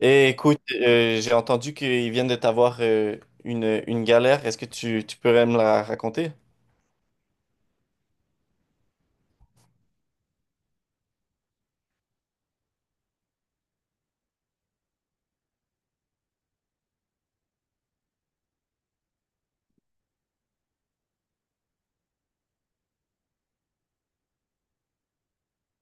Et écoute, j'ai entendu qu'ils viennent de t'avoir une galère. Est-ce que tu pourrais me la raconter?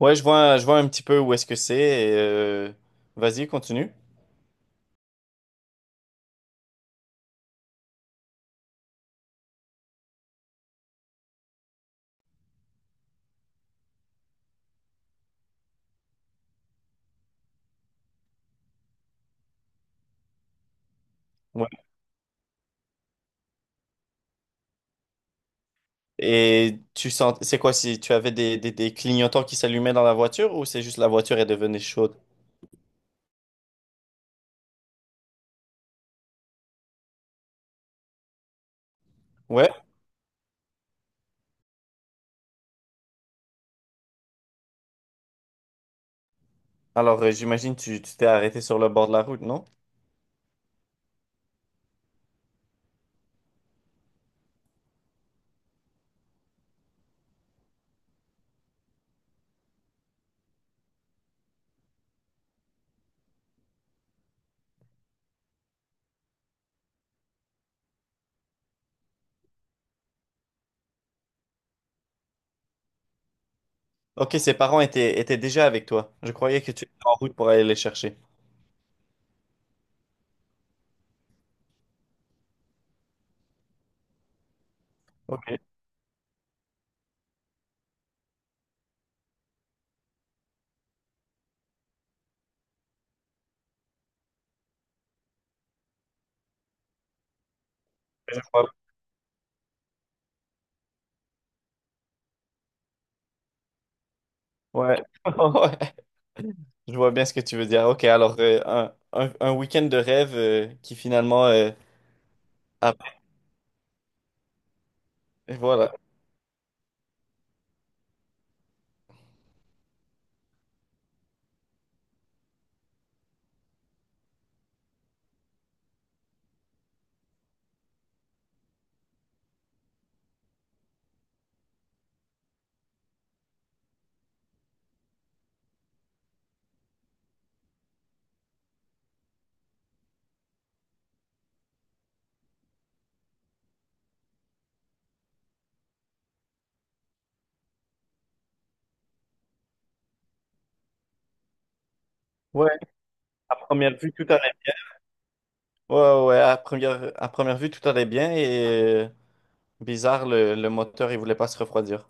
Ouais, je vois un petit peu où est-ce que c'est. Et, vas-y, continue. Ouais. Et tu sens, c'est quoi si tu avais des clignotants qui s'allumaient dans la voiture ou c'est juste la voiture est devenue chaude? Ouais. Alors, j'imagine tu t'es arrêté sur le bord de la route, non? Ok, ses parents étaient déjà avec toi. Je croyais que tu étais en route pour aller les chercher. Ok, je crois. Ouais. Ouais. Je vois bien ce que tu veux dire. Ok, alors un week-end de rêve qui finalement, a- voilà. Ouais, à première vue, tout allait bien. Ouais, ouais, ouais, à première vue, tout allait bien et bizarre, le moteur, il voulait pas se refroidir.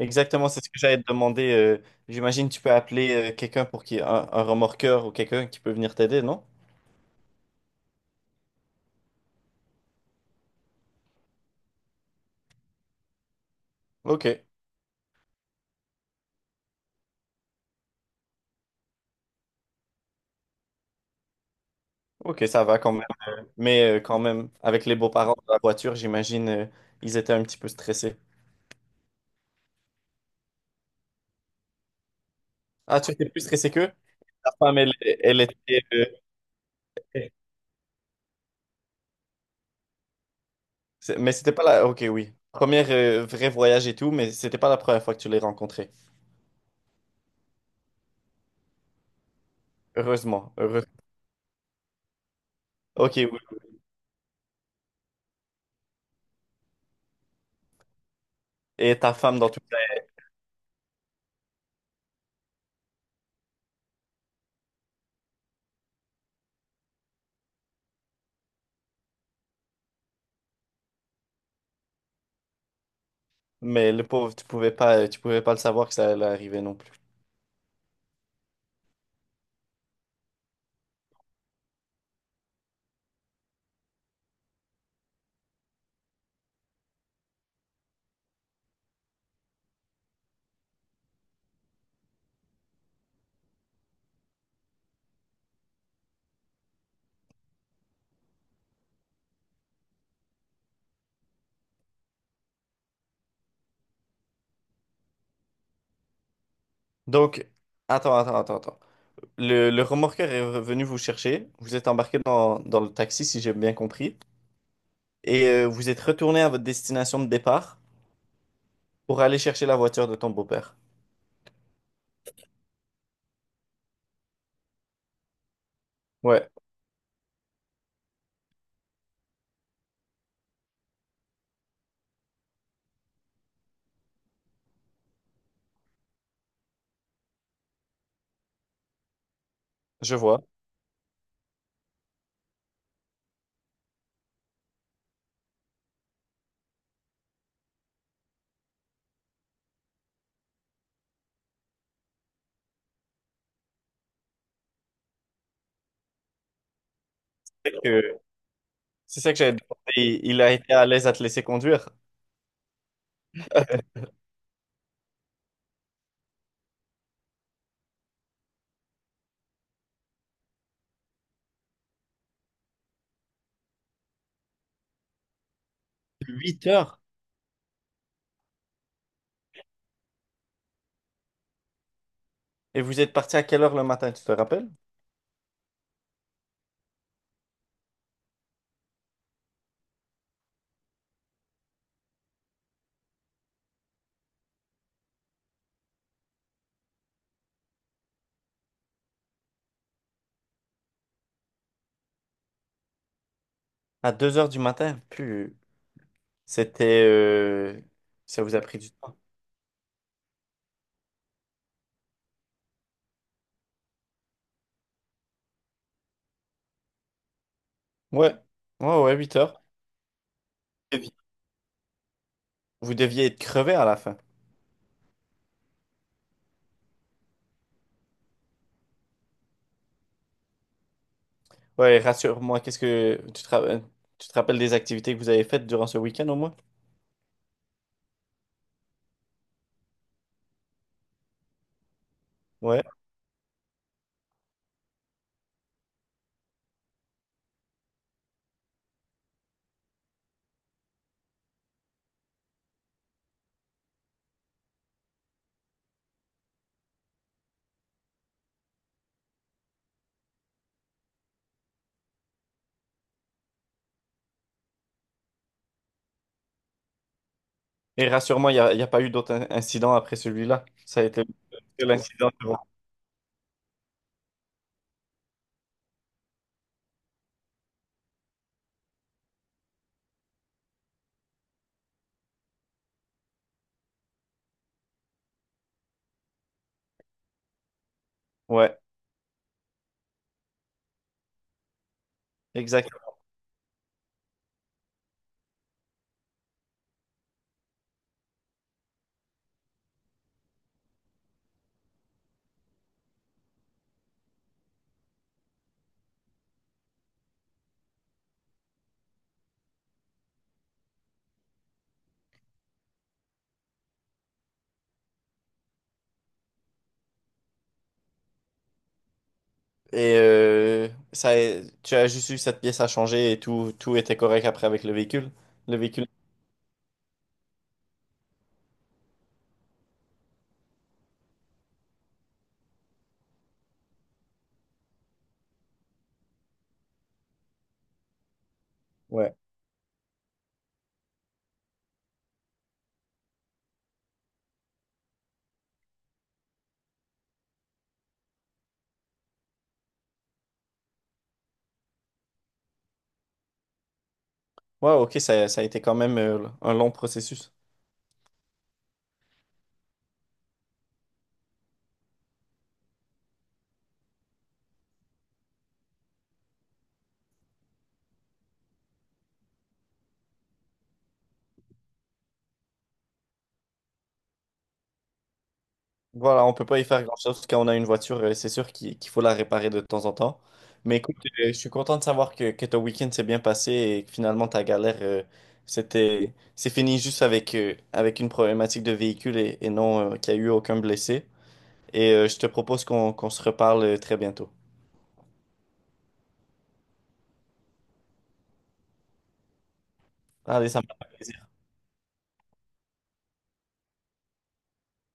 Exactement, c'est ce que j'allais te demander. Euh, j'imagine que tu peux appeler un remorqueur ou quelqu'un qui peut venir t'aider, non? Ok, ok, ça va quand même. Mais quand même, avec les beaux-parents de la voiture, j'imagine, ils étaient un petit peu stressés. Ah, tu étais plus stressé qu'eux? La femme, elle, elle était. Mais c'était pas la. Ok, oui. Premier vrai voyage et tout, mais c'était pas la première fois que tu l'as rencontré. Heureusement. Heureusement. Ok, oui. Et ta femme dans tout. Mais le pauvre, tu pouvais pas le savoir que ça allait arriver non plus. Donc, attends. Le remorqueur est venu vous chercher. Vous êtes embarqué dans le taxi, si j'ai bien compris. Et vous êtes retourné à votre destination de départ pour aller chercher la voiture de ton beau-père. Ouais, je vois. C'est ça que j'avais demandé. Il a été à l'aise à te laisser conduire. 8 heures? Et vous êtes parti à quelle heure le matin, tu te rappelles? À 2 heures du matin. Plus. C'était. Ça vous a pris du temps. Ouais. Ouais, ouais, 8 heures. Devi- Vous deviez être crevé à la fin. Ouais, rassure-moi, qu'est-ce que. Tu te... ra- tu te rappelles des activités que vous avez faites durant ce week-end au moins? Ouais. Et rassure-moi, il y a pas eu d'autres incidents après celui-là. Ça a été l'incident. Ouais, exact. Et ça, tu as juste eu cette pièce à changer et tout, tout était correct après avec le véhicule. Ouais. Ouais, ok, ça a été quand même un long processus. Voilà, on peut pas y faire grand-chose quand on a une voiture, c'est sûr qu'il faut la réparer de temps en temps. Mais écoute, je suis content de savoir que ton week-end s'est bien passé et que finalement ta galère, c'est fini juste avec, avec une problématique de véhicule et non qu'il n'y a eu aucun blessé. Et je te propose qu'on se reparle très bientôt. Allez, ça me fait plaisir.